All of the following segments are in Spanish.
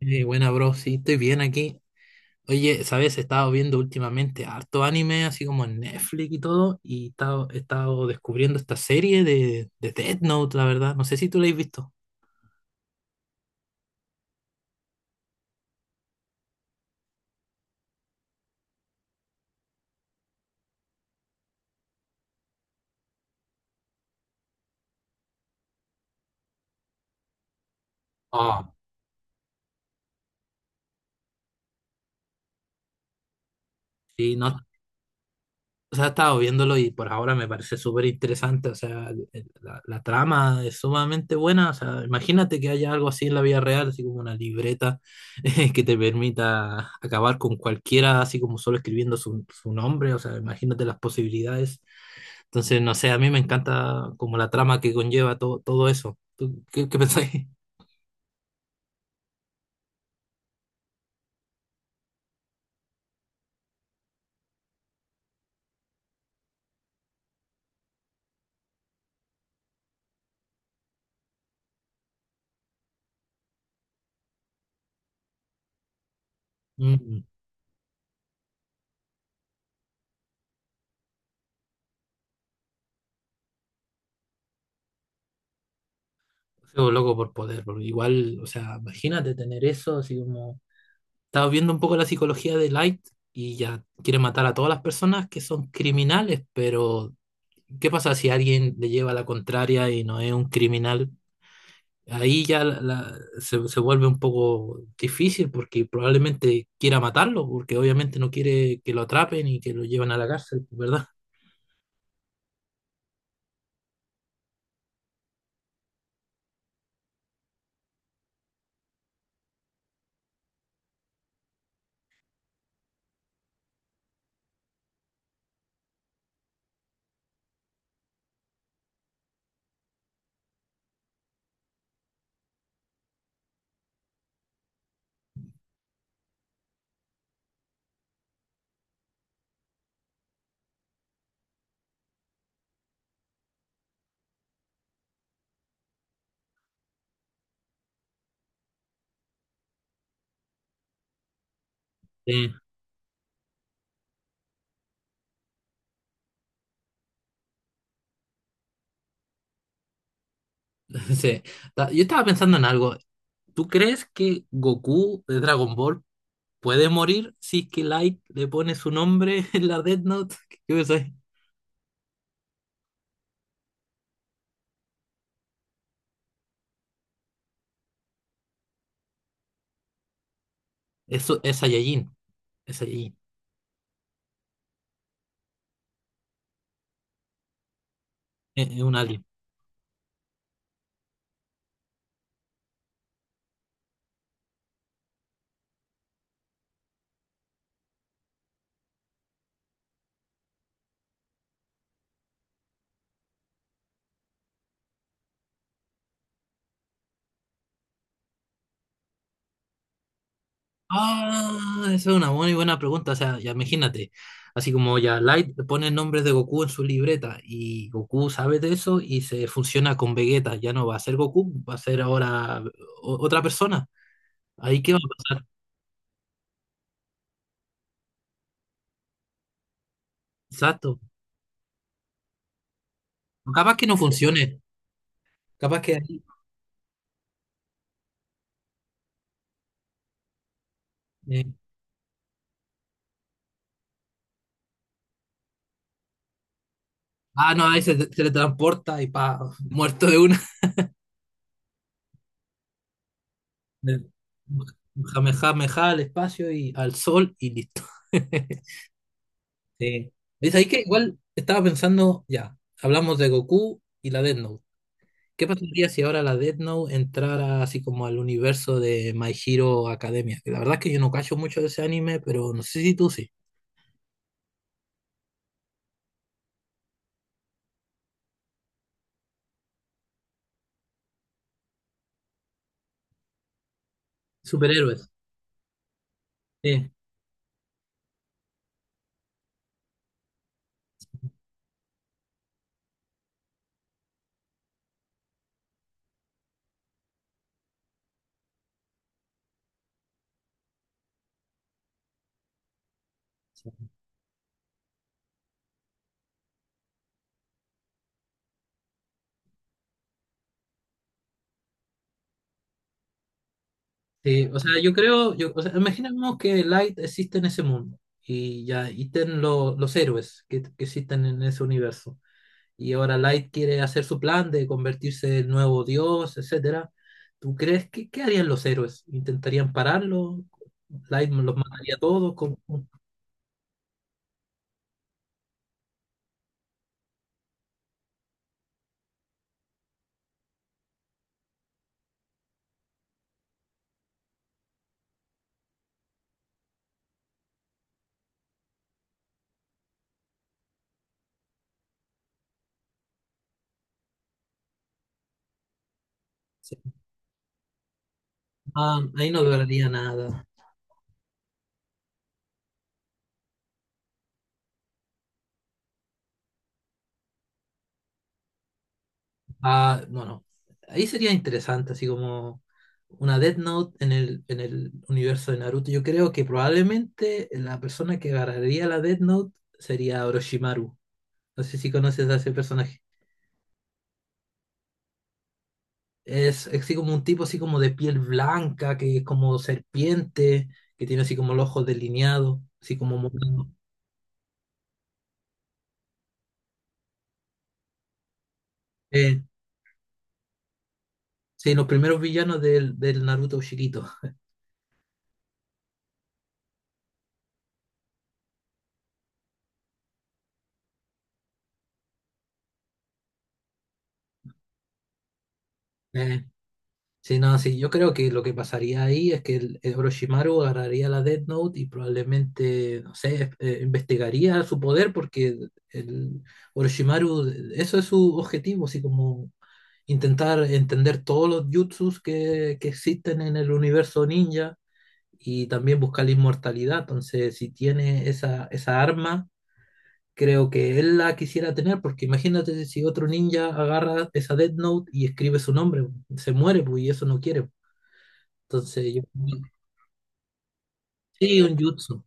Buena, bro, sí, estoy bien aquí. Oye, ¿sabes? He estado viendo últimamente harto anime, así como en Netflix y todo, y he estado descubriendo esta serie de Death Note, la verdad. No sé si tú la has visto. Ah, sí, no, o sea, he estado viéndolo y por ahora me parece súper interesante. O sea, la trama es sumamente buena. O sea, imagínate que haya algo así en la vida real, así como una libreta que te permita acabar con cualquiera, así como solo escribiendo su nombre. O sea, imagínate las posibilidades. Entonces, no sé, a mí me encanta como la trama que conlleva todo, todo eso. ¿Tú qué pensáis? Mm, sigo loco por poder, porque igual, o sea, imagínate tener eso, así como... Estaba viendo un poco la psicología de Light y ya quiere matar a todas las personas que son criminales, pero ¿qué pasa si alguien le lleva la contraria y no es un criminal? Ahí ya se vuelve un poco difícil porque probablemente quiera matarlo, porque obviamente no quiere que lo atrapen y que lo lleven a la cárcel, ¿verdad? Sí. Yo estaba pensando en algo. ¿Tú crees que Goku de Dragon Ball puede morir si es que Light le pone su nombre en la Death Note? ¿Qué pensáis? Eso es Saiyajin. Es Saiyajin. Es un alien. Ah, esa es una muy buena pregunta. O sea, ya imagínate. Así como ya Light le pone el nombre de Goku en su libreta y Goku sabe de eso y se funciona con Vegeta. Ya no va a ser Goku, va a ser ahora otra persona. ¿Ahí qué va a pasar? Exacto. Capaz que no funcione. Capaz que ahí, eh, no, ahí se teletransporta y pa, muerto de una. Jame, meja al espacio y al sol y listo. Sí. Es ahí que igual estaba pensando, ya, hablamos de Goku y la Death Note. ¿Qué pasaría si ahora la Death Note entrara así como al universo de My Hero Academia? Que la verdad es que yo no cacho mucho de ese anime, pero no sé si tú sí. Superhéroes. Sí. Sí, o sea, yo creo, yo, o sea, imaginemos que Light existe en ese mundo y ya y estén los héroes que existen en ese universo. Y ahora Light quiere hacer su plan de convertirse en nuevo dios, etcétera. ¿Tú crees que qué harían los héroes? ¿Intentarían pararlo? ¿Light los mataría a todos? Cómo? Ah, ahí no lograría nada. Ah, no, no. Ahí sería interesante, así como una Death Note en el universo de Naruto. Yo creo que probablemente la persona que agarraría la Death Note sería Orochimaru. No sé si conoces a ese personaje. Es así como un tipo así como de piel blanca, que es como serpiente, que tiene así como los ojos delineados, así como morado. Eh, sí, los primeros villanos del, del Naruto chiquito. Eh, Sí, no, sí, yo creo que lo que pasaría ahí es que el Orochimaru agarraría la Death Note y probablemente, no sé, investigaría su poder porque el Orochimaru, eso es su objetivo, así como intentar entender todos los jutsus que existen en el universo ninja y también buscar la inmortalidad. Entonces, si tiene esa, esa arma, creo que él la quisiera tener porque imagínate si otro ninja agarra esa Death Note y escribe su nombre, se muere pues, y eso no quiere. Entonces, yo, sí, un jutsu.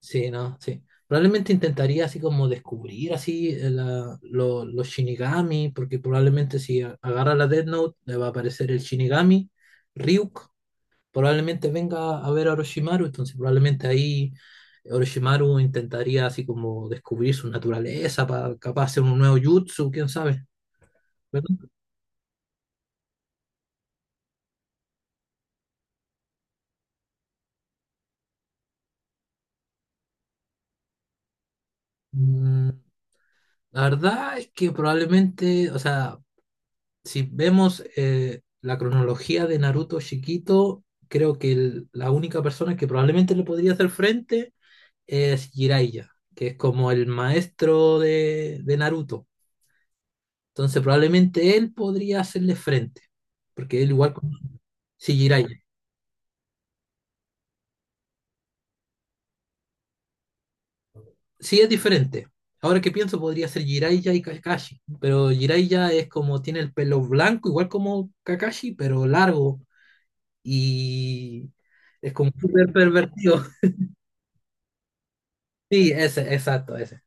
Sí, no, sí. Probablemente intentaría así como descubrir así los Shinigami, porque probablemente si agarra la Death Note le va a aparecer el Shinigami, Ryuk, probablemente venga a ver a Orochimaru, entonces probablemente ahí Orochimaru intentaría así como descubrir su naturaleza para capaz hacer un nuevo jutsu, quién sabe, ¿verdad? Mm, la verdad es que probablemente, o sea, si vemos la cronología de Naruto chiquito, creo que la única persona que probablemente le podría hacer frente es Jiraiya, que es como el maestro de Naruto. Entonces probablemente él podría hacerle frente, porque él igual... con- Sí, Jiraiya. Sí es diferente. Ahora que pienso, podría ser Jiraiya y Kakashi, pero Jiraiya es como tiene el pelo blanco, igual como Kakashi, pero largo y es como súper pervertido. Sí, ese, exacto, ese.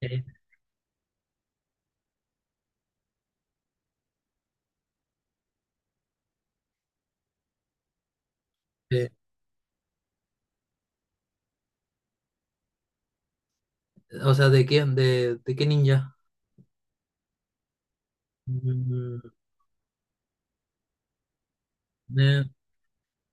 Este, o sea, ¿de quién? ¿De qué ninja? Mm, eh,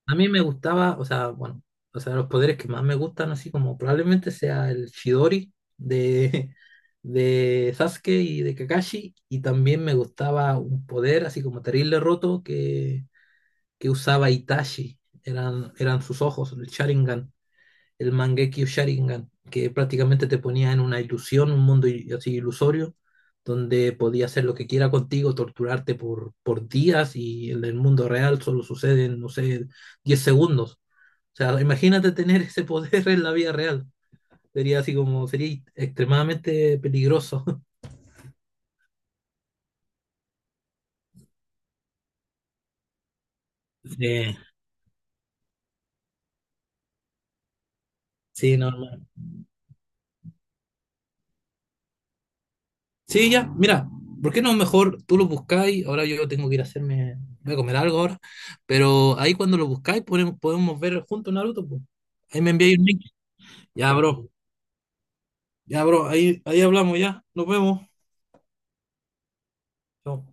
a mí me gustaba, o sea, bueno, o sea, los poderes que más me gustan, así como probablemente sea el Chidori de, de Sasuke y de Kakashi, y también me gustaba un poder así como terrible roto que usaba Itachi, eran, eran sus ojos, el Sharingan. El Mangekyo Sharingan, que prácticamente te ponía en una ilusión, un mundo así ilusorio, donde podía hacer lo que quiera contigo, torturarte por días y en el mundo real solo suceden, no sé, 10 segundos. O sea, imagínate tener ese poder en la vida real. Sería así como, sería extremadamente peligroso. Sí, sí, no, sí, ya, mira, ¿por qué no mejor tú lo buscáis? Ahora yo tengo que ir a hacerme, voy a comer algo ahora, pero ahí cuando lo buscáis podemos, podemos ver juntos Naruto, pues. Ahí me enviáis un link. Ya, bro, ya, bro, ahí, ahí hablamos, ya, nos vemos. Chao.